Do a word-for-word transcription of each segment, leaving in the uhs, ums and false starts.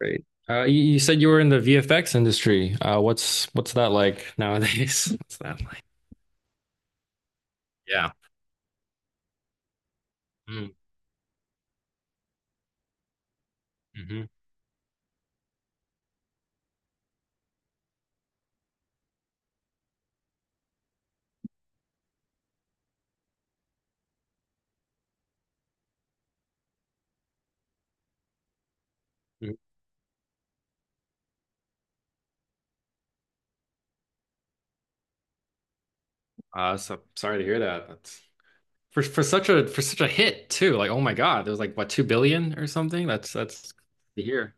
Great. Uh, you, you said you were in the V F X industry. Uh, what's what's that like nowadays? What's that like? Yeah. Mm-hmm. Mm-hmm. Mm-hmm. Uh, so sorry to hear that. That's for for such a for such a hit too. Like, oh my God, there was like what two billion or something. That's that's to hear.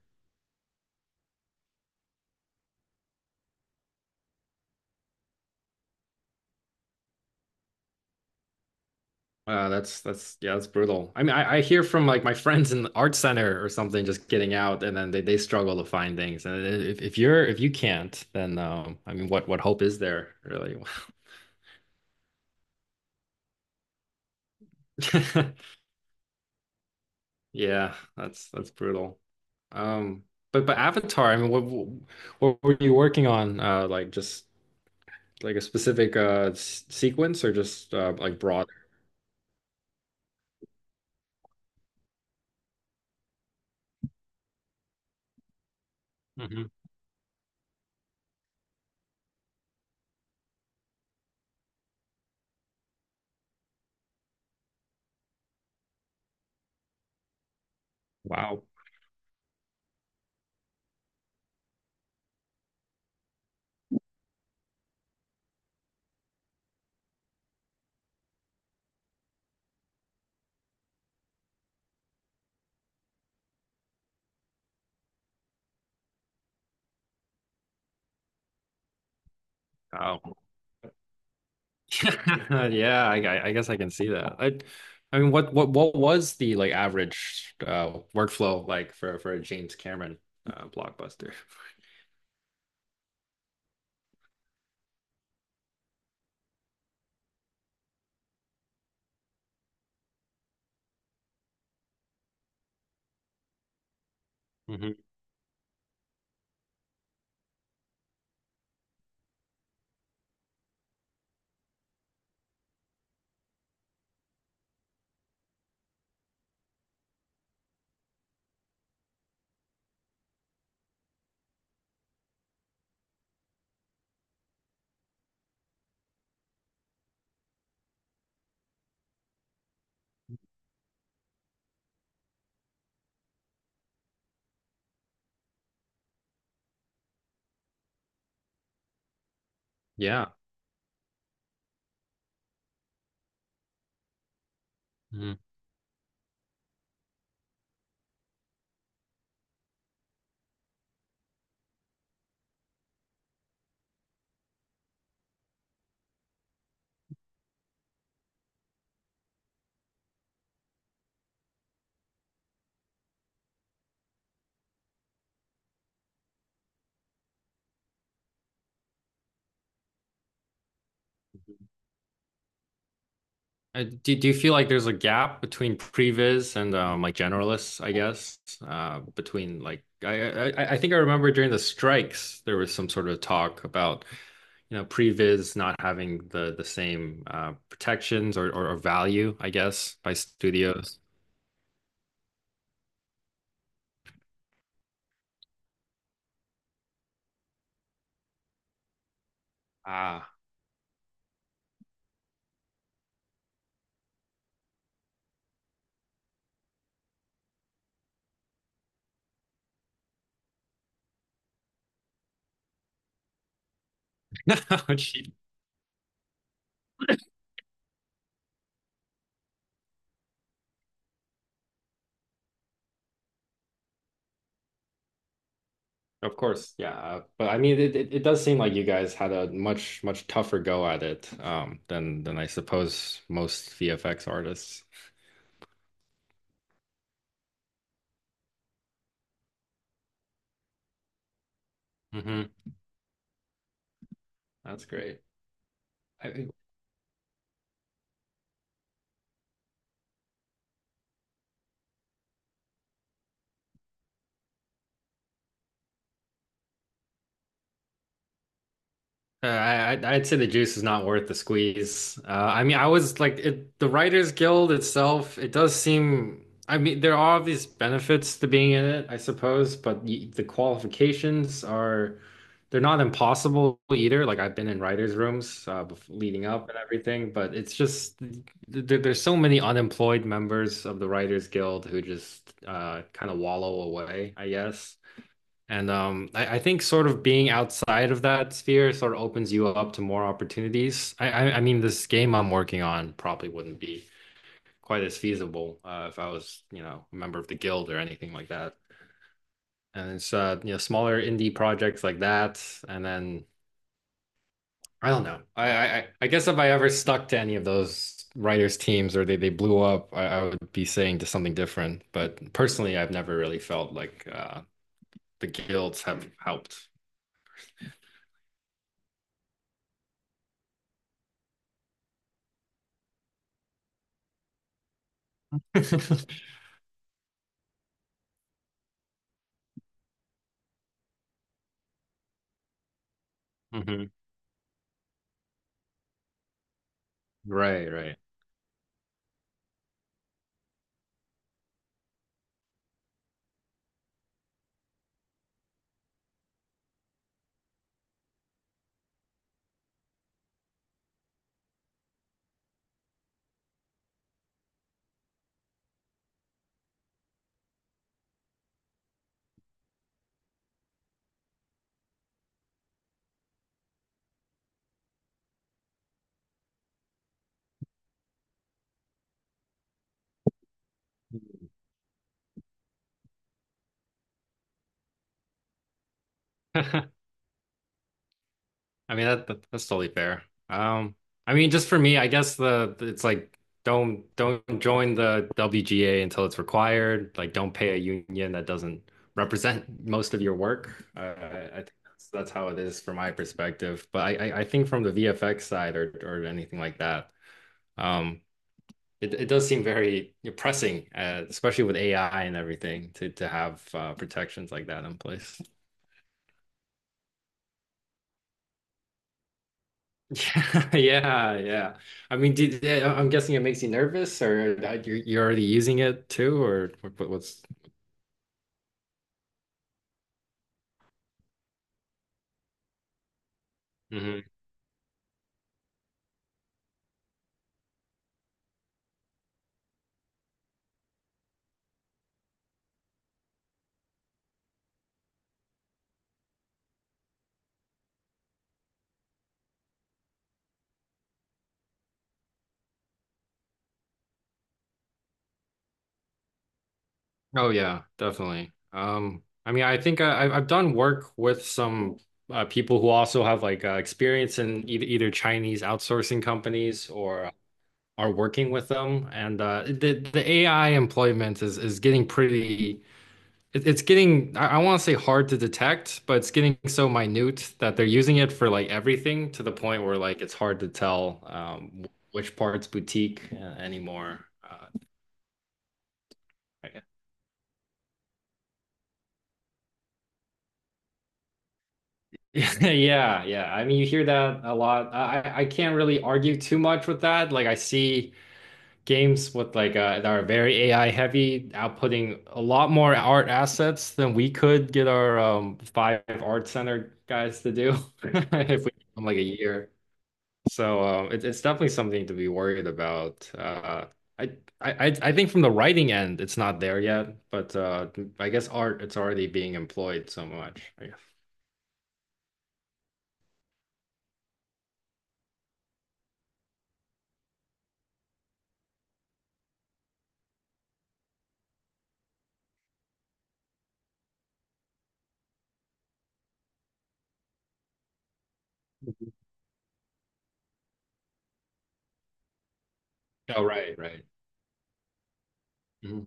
Uh, that's that's Yeah, that's brutal. I mean, I, I hear from like my friends in the art center or something just getting out, and then they, they struggle to find things. And if if you're if you can't, then um, I mean, what what hope is there really? Yeah, that's that's brutal. Um, but but Avatar, I mean, what what were you working on? Uh, like just like a specific uh s sequence or just uh like broader? Hmm Wow. Wow. Yeah, I I I guess I can see that. I I mean, what what what was the like average uh workflow like for for a James Cameron uh blockbuster? Hmm Yeah. Uh, do, do you feel like there's a gap between previs and um, like generalists, I guess? Uh, between like I, I I think I remember during the strikes there was some sort of talk about you know previs not having the the same uh, protections, or, or or value, I guess, by studios. Ah, Gee, of course, yeah. Uh, But I mean, it, it it does seem like you guys had a much much tougher go at it um, than than I suppose most V F X artists. Hmm That's great. I, Uh, I, I'd I'd say the juice is not worth the squeeze. Uh, I mean, I was like, it, the Writers Guild itself, it does seem, I mean, there are these benefits to being in it, I suppose, but y the qualifications are, they're not impossible either. Like, I've been in writers' rooms uh, bef leading up and everything, but it's just, there, there's so many unemployed members of the Writers Guild who just uh, kind of wallow away, I guess. And um, I, I think sort of being outside of that sphere sort of opens you up to more opportunities. I, I, I mean, this game I'm working on probably wouldn't be quite as feasible uh, if I was, you know, a member of the guild or anything like that. And it's uh, you know, smaller indie projects like that. And then I don't know. I, I, I guess if I ever stuck to any of those writers' teams or they, they blew up, I, I would be saying to something different. But personally, I've never really felt like uh, the guilds have helped. Mhm. Right, right. I mean that, that that's totally fair. Um, I mean just for me, I guess the it's like don't don't join the W G A until it's required. Like don't pay a union that doesn't represent most of your work. Uh, I, I think that's that's how it is from my perspective. But I, I I think from the V F X side or or anything like that, um, it it does seem very pressing, uh, especially with A I and everything to to have uh, protections like that in place. Yeah, yeah, yeah. I mean, did, yeah, I'm guessing it makes you nervous, or that you're you're already using it too, or what, what- what's? Mhm. Oh yeah, definitely. Um, I mean, I think I, I've I've done work with some uh, people who also have like uh, experience in either either Chinese outsourcing companies or are working with them, and uh, the the A I employment is is getting pretty. It, it's getting I, I want to say hard to detect, but it's getting so minute that they're using it for like everything to the point where like it's hard to tell um, which part's boutique uh, anymore. Uh, yeah, yeah. I mean, you hear that a lot. I I can't really argue too much with that. Like I see games with like uh, that are very A I heavy, outputting a lot more art assets than we could get our um, five art center guys to do if we give them like a year. So um, it, it's definitely something to be worried about. Uh, I, I I think from the writing end, it's not there yet, but uh, I guess art it's already being employed so much. I guess. Oh, right, right. Mhm.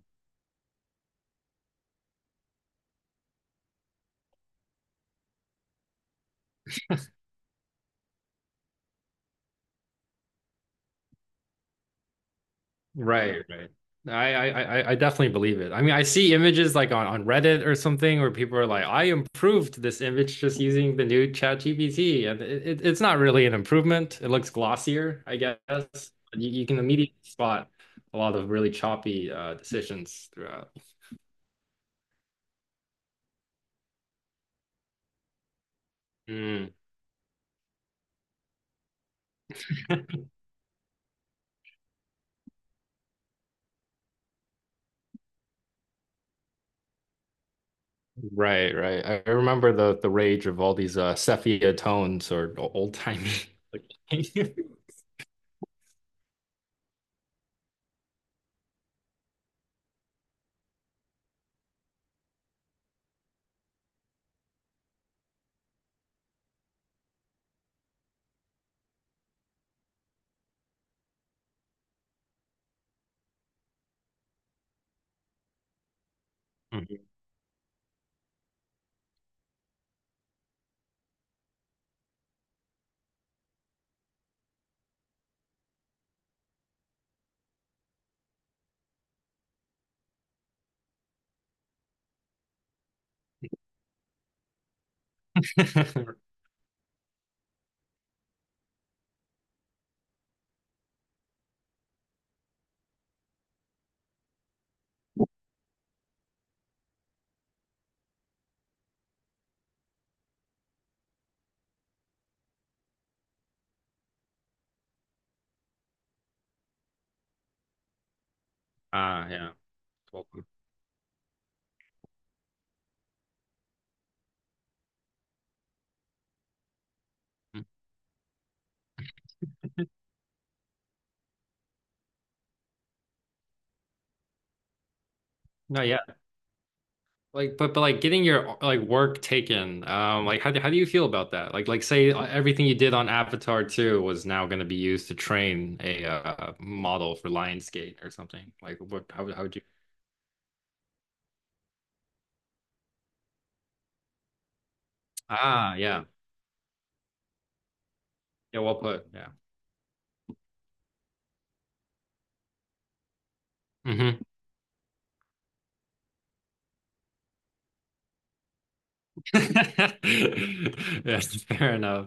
Right, right. I, I I I definitely believe it. I mean, I see images like on, on Reddit or something where people are like, I improved this image just using the new ChatGPT. And it, it, it's not really an improvement. It looks glossier, I guess. You, you can immediately spot a lot of really choppy uh, decisions throughout. Mm, right, right. I I remember the the rage of all these uh, sepia tones or old-timey. Mhm. Ah, yeah. Welcome. Mm-hmm. No, yeah. Like, but but like getting your like work taken, um, like how do how do you feel about that? Like like say uh, everything you did on Avatar two was now going to be used to train a uh, model for Lionsgate or something. Like what how would how would you? Ah, yeah, yeah, well put, yeah. hmm Yes, fair enough.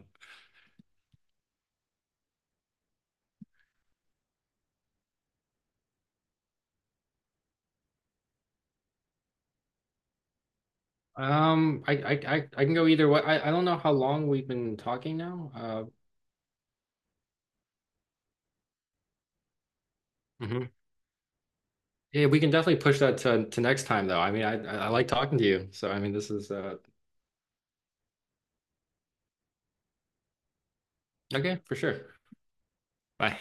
Um, I I I I can go either way. I I don't know how long we've been talking now. Uh, mhm. Yeah, we can definitely push that to to next time though. I mean, I I I like talking to you, so I mean, this is uh okay for sure. Bye.